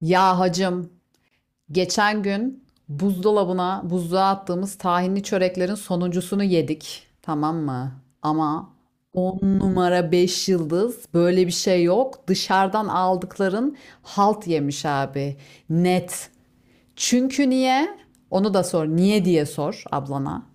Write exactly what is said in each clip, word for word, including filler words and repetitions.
Ya hacım, geçen gün buzdolabına, buzluğa attığımız tahinli çöreklerin sonuncusunu yedik. Tamam mı? Ama on numara beş yıldız böyle bir şey yok. Dışarıdan aldıkların halt yemiş abi. Net. Çünkü niye? Onu da sor. Niye diye sor ablana.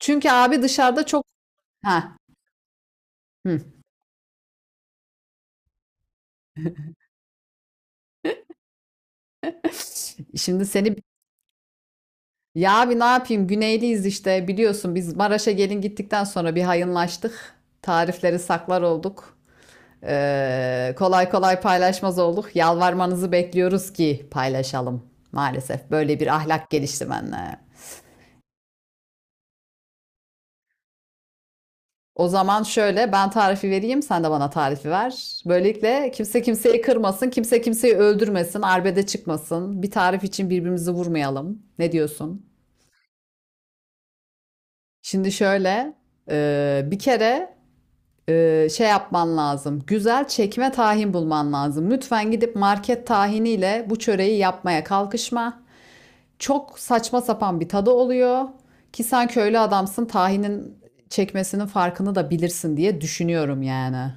Çünkü abi dışarıda çok. Ha. Hı. Şimdi seni. Ya abi ne yapayım? Güneyliyiz işte biliyorsun biz Maraş'a gelin gittikten sonra bir hayınlaştık. Tarifleri saklar olduk. Ee, kolay kolay paylaşmaz olduk. Yalvarmanızı bekliyoruz ki paylaşalım. Maalesef böyle bir ahlak gelişti bende. O zaman şöyle ben tarifi vereyim sen de bana tarifi ver. Böylelikle kimse kimseyi kırmasın, kimse kimseyi öldürmesin, arbede çıkmasın. Bir tarif için birbirimizi vurmayalım. Ne diyorsun? Şimdi şöyle e, bir kere e, şey yapman lazım. Güzel çekme tahin bulman lazım. Lütfen gidip market tahiniyle bu çöreği yapmaya kalkışma. Çok saçma sapan bir tadı oluyor ki sen köylü adamsın tahinin çekmesinin farkını da bilirsin diye düşünüyorum yani.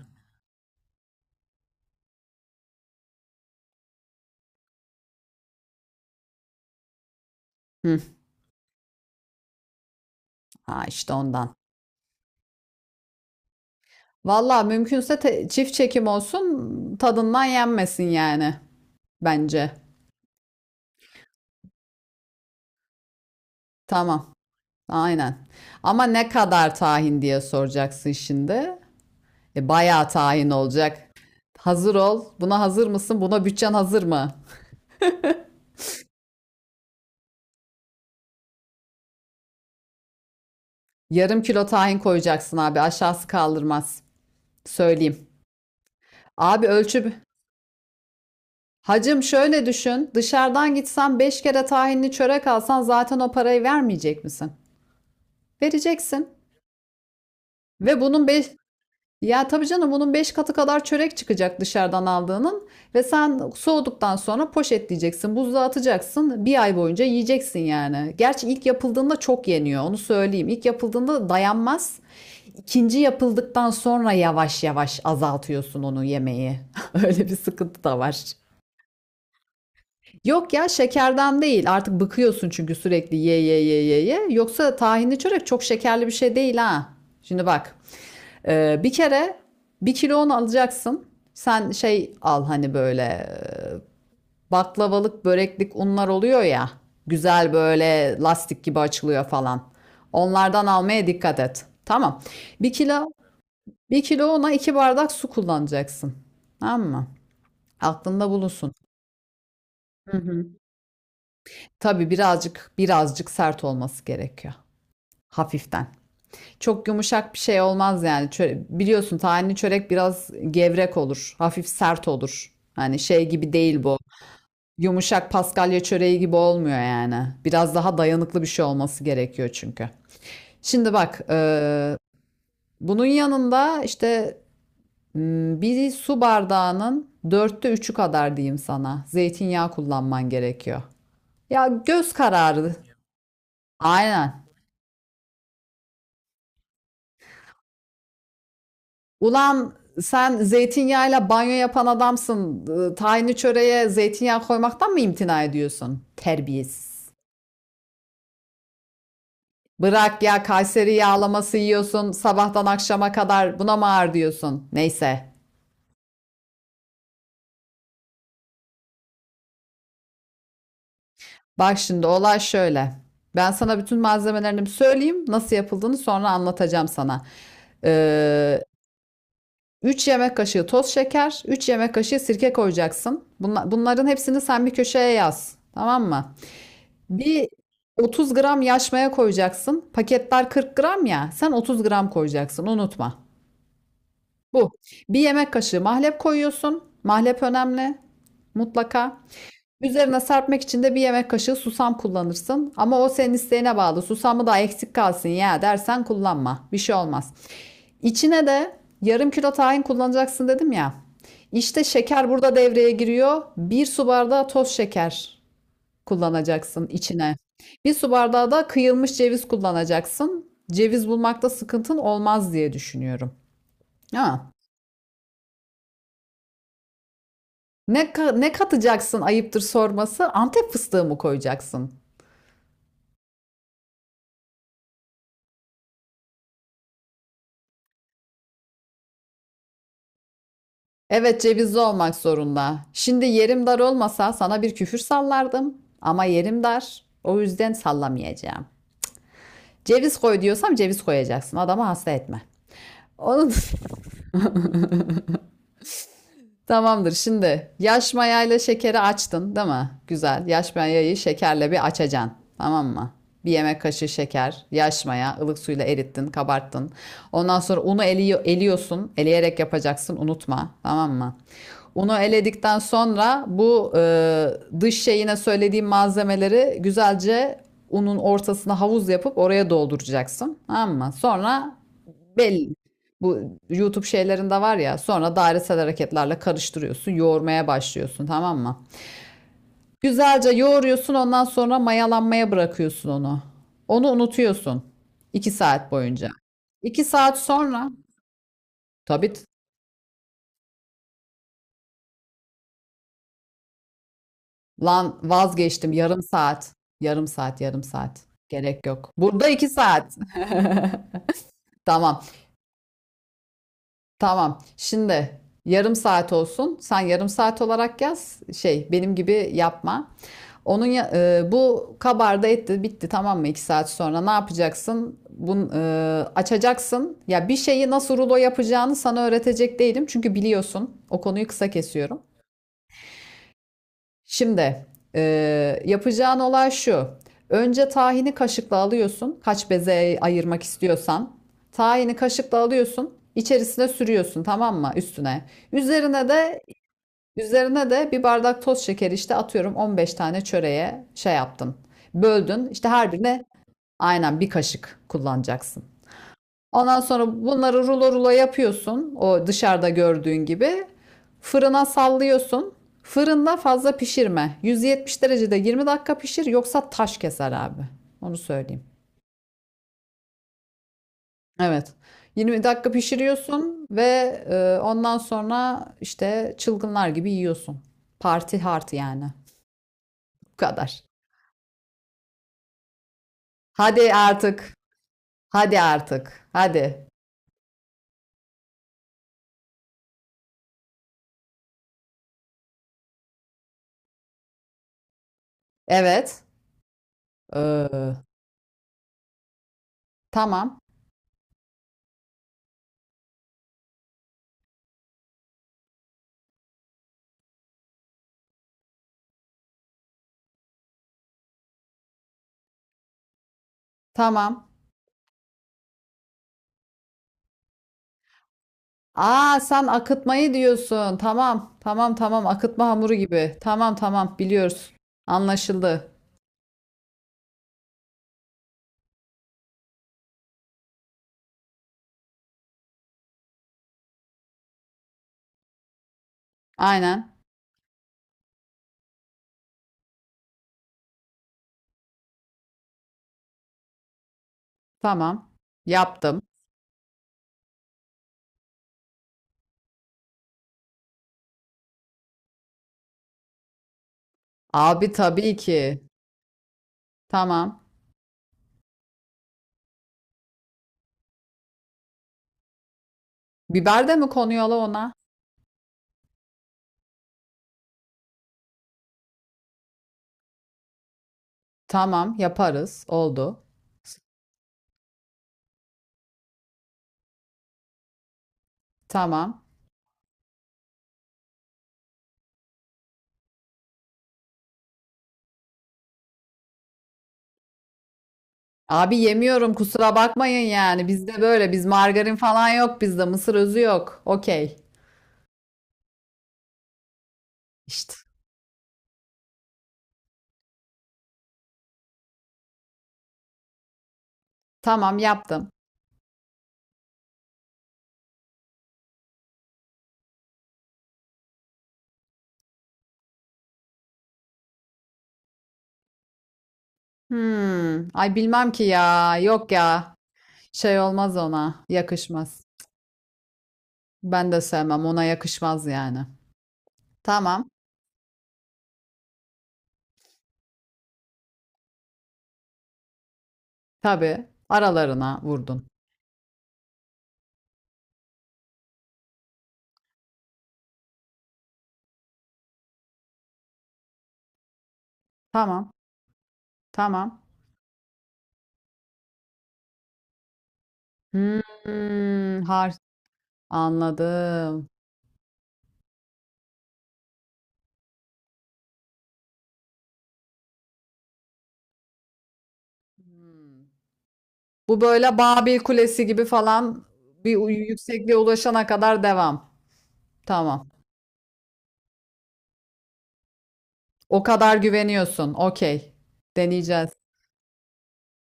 Hı, ha işte ondan. Valla mümkünse te- çift çekim olsun tadından yenmesin yani bence. Tamam. Aynen. Ama ne kadar tahin diye soracaksın şimdi. E, bayağı tahin olacak. Hazır ol. Buna hazır mısın? Buna bütçen hazır mı? Yarım kilo tahin koyacaksın abi. Aşağısı kaldırmaz. Söyleyeyim. Abi ölçü. Hacım şöyle düşün. Dışarıdan gitsen beş kere tahinli çörek alsan zaten o parayı vermeyecek misin? Vereceksin. Ve bunun beş. Ya tabii canım bunun beş katı kadar çörek çıkacak dışarıdan aldığının ve sen soğuduktan sonra poşetleyeceksin, buzluğa atacaksın. Bir ay boyunca yiyeceksin yani. Gerçi ilk yapıldığında çok yeniyor onu söyleyeyim. İlk yapıldığında dayanmaz. İkinci yapıldıktan sonra yavaş yavaş azaltıyorsun onu yemeği. Öyle bir sıkıntı da var. Yok ya şekerden değil. Artık bıkıyorsun çünkü sürekli ye ye ye ye ye. Yoksa tahinli çörek çok şekerli bir şey değil ha. Şimdi bak. Ee, bir kere bir kilo un alacaksın. Sen şey al hani böyle e, baklavalık, böreklik unlar oluyor ya. Güzel böyle lastik gibi açılıyor falan. Onlardan almaya dikkat et. Tamam. Bir kilo, bir kilo una iki bardak su kullanacaksın. Tamam mı? Aklında bulunsun. Hı hı. Tabii birazcık birazcık sert olması gerekiyor. Hafiften. Çok yumuşak bir şey olmaz yani. Çö- biliyorsun tahinli çörek biraz gevrek olur. Hafif sert olur. Hani şey gibi değil bu. Yumuşak Paskalya çöreği gibi olmuyor yani. Biraz daha dayanıklı bir şey olması gerekiyor çünkü. Şimdi bak, e, bunun yanında işte m, bir su bardağının dörtte üçü kadar diyeyim sana. Zeytinyağı kullanman gerekiyor. Ya göz kararı. Aynen. Ulan sen zeytinyağıyla banyo yapan adamsın. Ee, Tahinli çöreğe zeytinyağı koymaktan mı imtina ediyorsun? Terbiyesiz. Bırak ya Kayseri yağlaması yiyorsun sabahtan akşama kadar buna mı ağır diyorsun? Neyse. Bak şimdi olay şöyle. Ben sana bütün malzemelerini söyleyeyim. Nasıl yapıldığını sonra anlatacağım sana. Ee, üç yemek kaşığı toz şeker, üç yemek kaşığı sirke koyacaksın. Bunla- bunların hepsini sen bir köşeye yaz. Tamam mı? Bir otuz gram yaş maya koyacaksın. Paketler kırk gram ya. Sen otuz gram koyacaksın. Unutma. Bu. Bir yemek kaşığı mahlep koyuyorsun. Mahlep önemli. Mutlaka. Üzerine serpmek için de bir yemek kaşığı susam kullanırsın. Ama o senin isteğine bağlı. Susamı da eksik kalsın ya dersen kullanma. Bir şey olmaz. İçine de yarım kilo tahin kullanacaksın dedim ya. İşte şeker burada devreye giriyor. Bir su bardağı toz şeker kullanacaksın içine. Bir su bardağı da kıyılmış ceviz kullanacaksın. Ceviz bulmakta sıkıntın olmaz diye düşünüyorum. Ha. Ne, ka- ne katacaksın ayıptır sorması? Antep fıstığı mı koyacaksın? Evet cevizli olmak zorunda. Şimdi yerim dar olmasa sana bir küfür sallardım. Ama yerim dar. O yüzden sallamayacağım. Ceviz koy diyorsam ceviz koyacaksın. Adamı hasta etme. Onun. Tamamdır. Şimdi yaş mayayla şekeri açtın, değil mi? Güzel. Yaş mayayı şekerle bir açacaksın. Tamam mı? Bir yemek kaşığı şeker, yaş maya, ılık suyla erittin, kabarttın. Ondan sonra unu eliyo- eliyorsun. Eleyerek yapacaksın, unutma. Tamam mı? Unu eledikten sonra bu e, dış şeyine söylediğim malzemeleri güzelce unun ortasına havuz yapıp oraya dolduracaksın. Tamam mı? Sonra belli. Bu YouTube şeylerinde var ya, sonra dairesel hareketlerle karıştırıyorsun, yoğurmaya başlıyorsun, tamam mı? Güzelce yoğuruyorsun, ondan sonra mayalanmaya bırakıyorsun onu. Onu unutuyorsun iki saat boyunca. iki saat sonra tabii t- lan vazgeçtim yarım saat. Yarım saat, yarım saat. Gerek yok. Burada iki saat. Tamam. Tamam. Şimdi yarım saat olsun. Sen yarım saat olarak yaz. Şey benim gibi yapma. Onun ya- e, bu kabarda etti bitti tamam mı? iki saat sonra ne yapacaksın? Bunu e, açacaksın. Ya bir şeyi nasıl rulo yapacağını sana öğretecek değilim. Çünkü biliyorsun. O konuyu kısa kesiyorum. Şimdi eee, yapacağın olay şu. Önce tahini kaşıkla alıyorsun. Kaç beze ayırmak istiyorsan. Tahini kaşıkla alıyorsun, içerisine sürüyorsun tamam mı? Üstüne. Üzerine de üzerine de bir bardak toz şekeri işte atıyorum on beş tane çöreğe şey yaptın. Böldün. İşte her birine aynen bir kaşık kullanacaksın. Ondan sonra bunları rulo rulo yapıyorsun. O dışarıda gördüğün gibi. Fırına sallıyorsun. Fırında fazla pişirme. yüz yetmiş derecede yirmi dakika pişir yoksa taş keser abi. Onu söyleyeyim. Evet. yirmi dakika pişiriyorsun ve e, ondan sonra işte çılgınlar gibi yiyorsun. Parti hard yani. Bu kadar. Hadi artık. Hadi artık. Hadi. Evet. Ee, tamam. Tamam. Aa sen akıtmayı diyorsun. Tamam. Tamam tamam. Akıtma hamuru gibi. Tamam tamam biliyoruz. Anlaşıldı. Aynen. Tamam. Yaptım. Abi tabii ki. Tamam. Biber de mi konuyor la ona? Tamam yaparız. Oldu. Tamam. Abi yemiyorum kusura bakmayın yani. Bizde böyle biz margarin falan yok bizde. Mısır özü yok. Okey. İşte. Tamam yaptım. Hmm. Ay bilmem ki ya. Yok ya. Şey olmaz ona. Yakışmaz. Ben de sevmem. Ona yakışmaz yani. Tamam. Tabii. Aralarına vurdun. Tamam. Tamam. Hmm, har anladım. Hmm. Bu böyle Babil Kulesi gibi falan bir u- yüksekliğe ulaşana kadar devam. Tamam. O kadar güveniyorsun. Okey. Deneyeceğiz.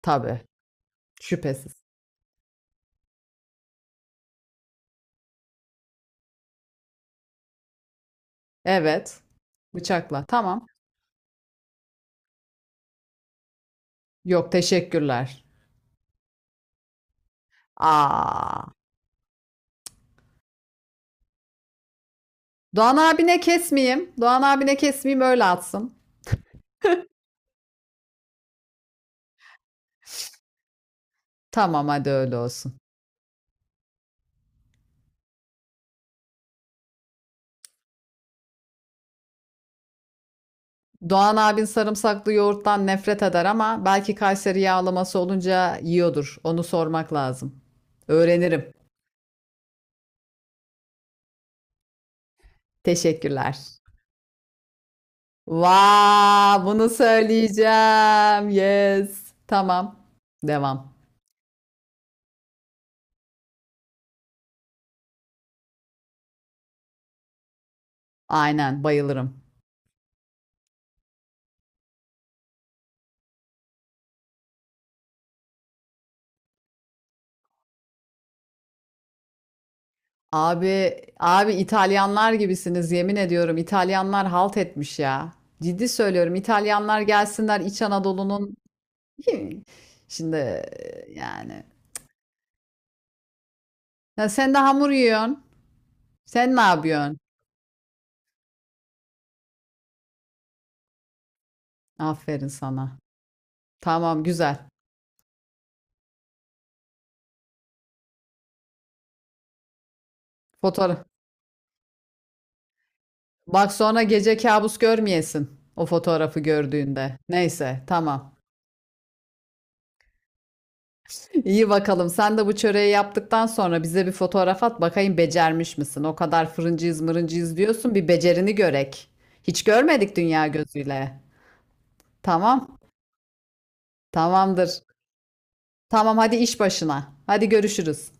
Tabii. Şüphesiz. Evet. Bıçakla. Tamam. Yok teşekkürler. Aa. Doğan abine kesmeyeyim. Doğan abine kesmeyeyim öyle atsın. Tamam hadi öyle olsun. Doğan abin sarımsaklı yoğurttan nefret eder ama belki Kayseri yağlaması olunca yiyordur. Onu sormak lazım. Öğrenirim. Teşekkürler. Vaa, bunu söyleyeceğim. Yes. Tamam. Devam. Aynen bayılırım. Abi abi İtalyanlar gibisiniz yemin ediyorum. İtalyanlar halt etmiş ya. Ciddi söylüyorum. İtalyanlar gelsinler İç Anadolu'nun. Kim? Şimdi e, yani. Ya sen de hamur yiyorsun. Sen ne yapıyorsun? Aferin sana. Tamam güzel. Fotoğraf. Bak sonra gece kabus görmeyesin. O fotoğrafı gördüğünde. Neyse tamam. İyi bakalım. Sen de bu çöreği yaptıktan sonra bize bir fotoğraf at. Bakayım becermiş misin? O kadar fırıncıyız mırıncıyız diyorsun. Bir becerini görek. Hiç görmedik dünya gözüyle. Tamam. Tamamdır. Tamam hadi iş başına. Hadi görüşürüz.